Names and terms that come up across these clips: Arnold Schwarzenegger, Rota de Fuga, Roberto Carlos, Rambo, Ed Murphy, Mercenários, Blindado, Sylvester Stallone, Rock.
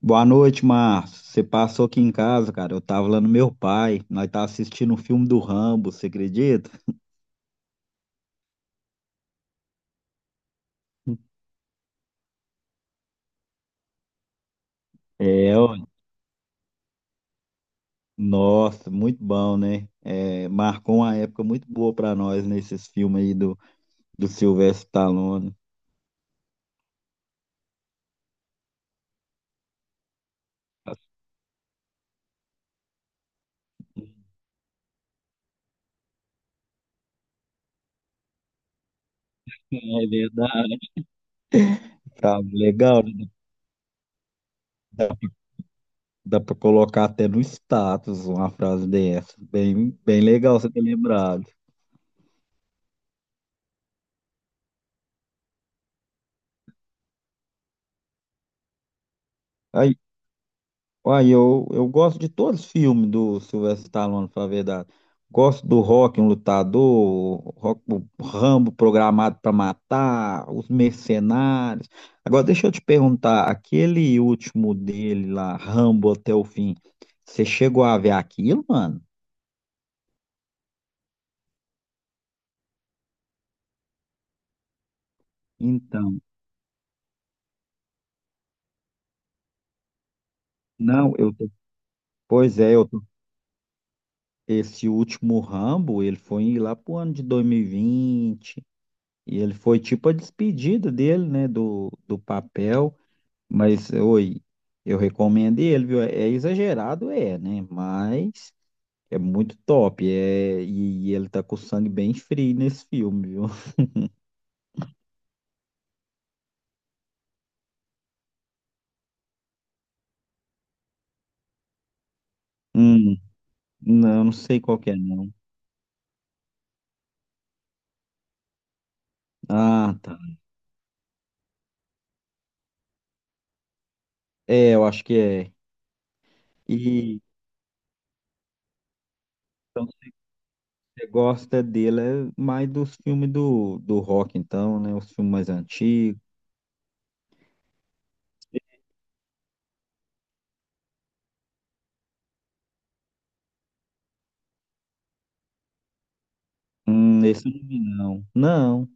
Boa noite, Márcio. Você passou aqui em casa, cara. Eu tava lá no meu pai. Nós tava assistindo um filme do Rambo, você acredita? É, ó, nossa, muito bom, né? Marcou uma época muito boa pra nós nesses filmes aí do Sylvester Stallone. É verdade. Tá legal, né? Dá, dá pra colocar até no status uma frase dessa. Bem legal você ter lembrado. Olha, eu gosto de todos os filmes do Sylvester Stallone, pra falar a verdade. Gosto do Rock, um lutador, o Rock, o Rambo programado para matar, os mercenários. Agora, deixa eu te perguntar, aquele último dele lá, Rambo até o fim, você chegou a ver aquilo, mano? Então, não, eu tô- Pois é, eu tô- Esse último Rambo, ele foi lá pro ano de 2020, e vinte, e ele foi tipo a despedida dele, né, do papel. Mas eu recomendo ele, viu? É exagerado, é, né? Mas é muito top. E ele tá com o sangue bem frio nesse filme, viu? Hum, não, não sei qual que é, não. Ah, tá. É, eu acho que é. E então, se você gosta dele, é mais dos filmes do rock, então, né? Os filmes mais antigos. Esse eu não vi, não. Não.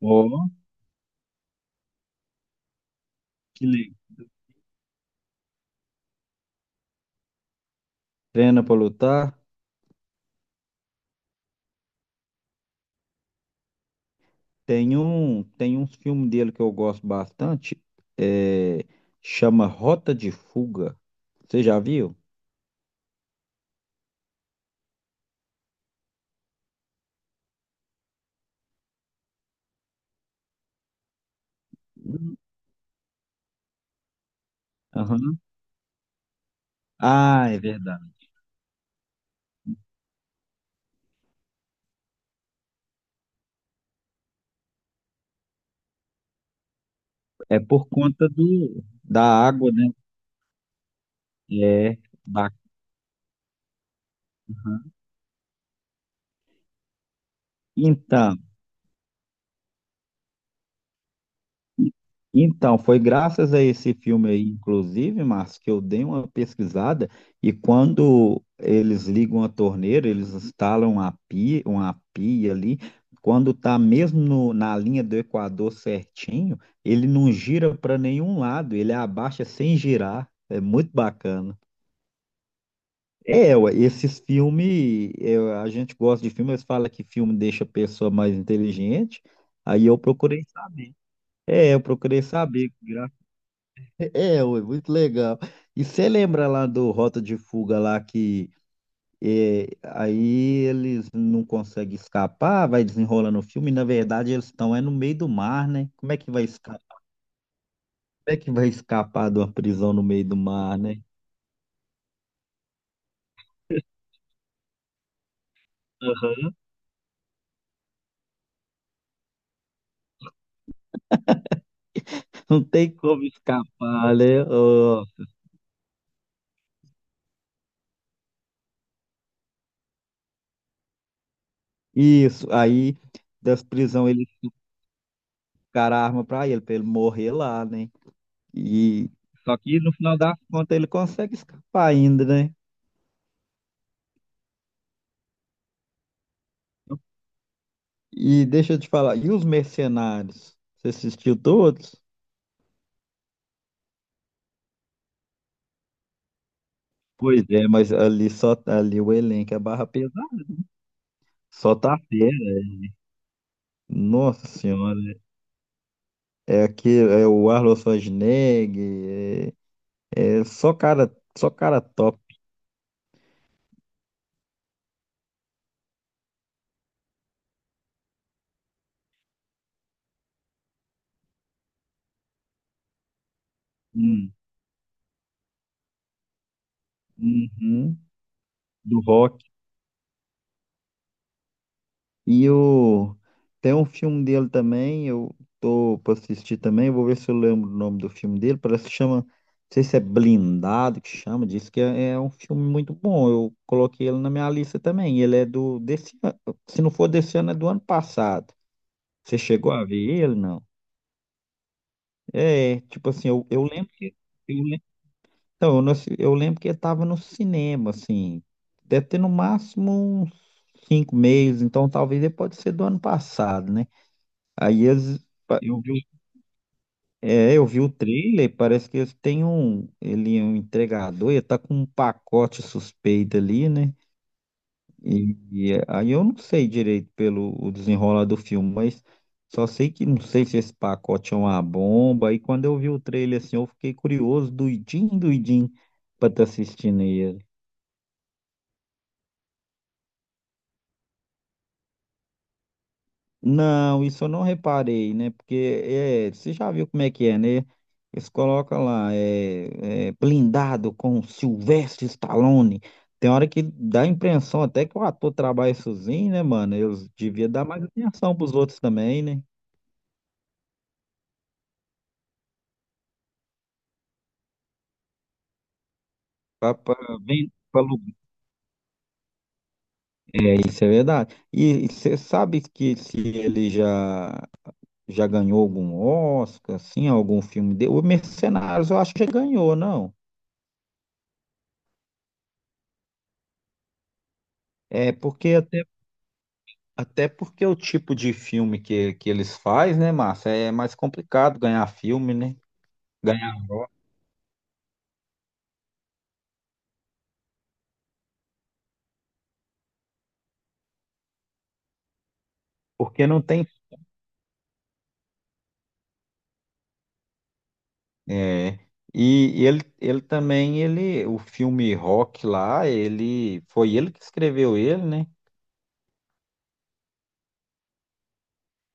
Ó, que legal. Treina pra lutar. Tem uns filmes dele que eu gosto bastante, é, chama Rota de Fuga. Você já viu? Aham. Ah, é verdade. É por conta do, da água, né? É, da... Então, então, foi graças a esse filme aí, inclusive, Márcio, que eu dei uma pesquisada e quando eles ligam a torneira, eles instalam uma pia ali, quando está mesmo na linha do Equador certinho, ele não gira para nenhum lado, ele abaixa sem girar. É muito bacana. É, ué, esses filmes, a gente gosta de filmes, eles falam que filme deixa a pessoa mais inteligente, aí eu procurei saber. É, eu procurei saber. É, ué, muito legal. E você lembra lá do Rota de Fuga lá que é, aí eles não conseguem escapar, vai desenrolando o filme, e na verdade eles estão é no meio do mar, né? Como é que vai escapar? Como é que vai escapar de uma prisão no meio do mar, né? Aham. Não tem como escapar, né? Ó, isso, aí das prisão eles ficaram a arma pra ele morrer lá, né? E só que no final das contas ele consegue escapar ainda, né? E deixa eu te falar, e os Mercenários? Você assistiu todos? Pois é, mas ali só ali o elenco é barra pesada. Só tá fera. Nossa senhora. É o Arnold Schwarzenegger, é só cara top. Hum, uhum, do rock. E o... tem um filme dele também, eu tô pra assistir também, eu vou ver se eu lembro o nome do filme dele, parece que chama, não sei se é Blindado que chama, diz que é, é um filme muito bom, eu coloquei ele na minha lista também, ele é desse ano, se não for desse ano, é do ano passado. Você chegou a ver ele, não? É, tipo assim, eu lembro que, eu, lem- então, eu, não assi- eu lembro que ele tava no cinema, assim, deve ter no máximo uns 5 meses, então talvez ele pode ser do ano passado, né? Aí as- eu vi, eu vi o trailer, parece que ele é um entregador, ele tá com um pacote suspeito ali, né? Aí eu não sei direito pelo o desenrolar do filme, mas só sei que não sei se esse pacote é uma bomba. E quando eu vi o trailer assim, eu fiquei curioso, doidinho, pra estar assistindo aí. Não, isso eu não reparei, né? Porque é, você já viu como é que é, né? Eles colocam lá, blindado com Sylvester Stallone. Tem hora que dá a impressão até que o ator trabalha sozinho, né, mano? Eles deviam dar mais atenção pros outros também, né? Pra, pra, Pra lugar. É, isso é verdade. E você sabe que se ele já ganhou algum Oscar, assim, algum filme dele? O Mercenários eu acho que já ganhou, não? É porque até Até porque o tipo de filme que eles fazem, né, Márcia, é mais complicado ganhar filme, né? Ganhar Oscar, porque não tem. é, e ele também, ele, o filme Rock lá, ele foi ele que escreveu ele, né?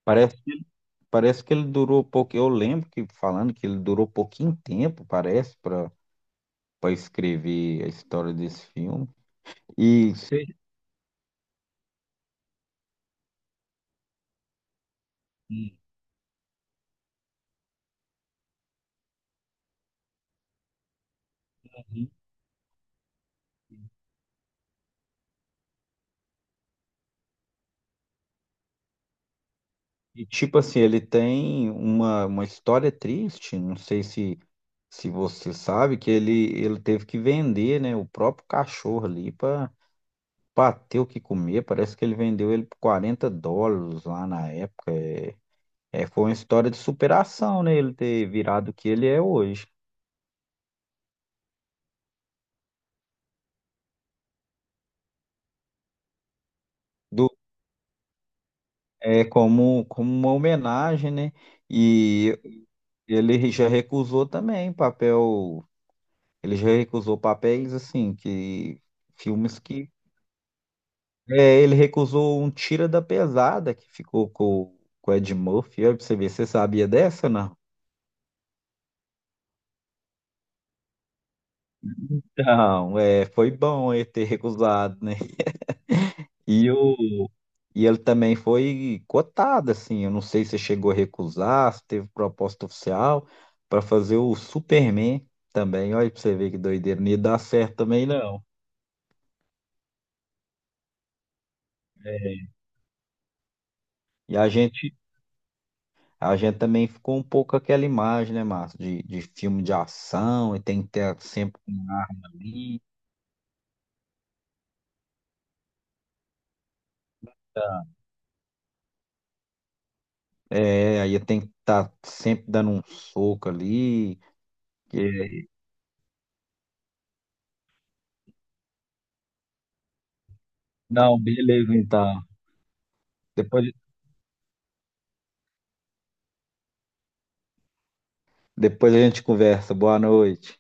Parece, parece que ele durou pouco. Eu lembro que falando que ele durou pouquinho tempo, parece, para escrever a história desse filme. E sei. Uhum. E tipo assim, ele tem uma história triste, não sei se se você sabe que ele teve que vender, né, o próprio cachorro ali para ter o que comer. Parece que ele vendeu ele por 40 dólares lá na época. É, foi uma história de superação, né, ele ter virado o que ele é hoje. Do, é como, como uma homenagem, né? E ele já recusou também papel, ele já recusou papéis assim que filmes que é, ele recusou um tira da pesada que ficou com o Ed Murphy. Olha pra você ver, você sabia dessa ou não? Não, é, foi bom ele ter recusado, né? E, o, e ele também foi cotado, assim. Eu não sei se chegou a recusar, se teve proposta oficial para fazer o Superman também. Olha pra você ver que doideira. Não ia dar certo também, não. É, e a gente também ficou um pouco com aquela imagem, né, Márcio, de filme de ação, e tem que ter sempre uma arma ali. É, aí tem que estar sempre dando um soco ali. que- Não, beleza, então. Depois, depois a gente conversa. Boa noite.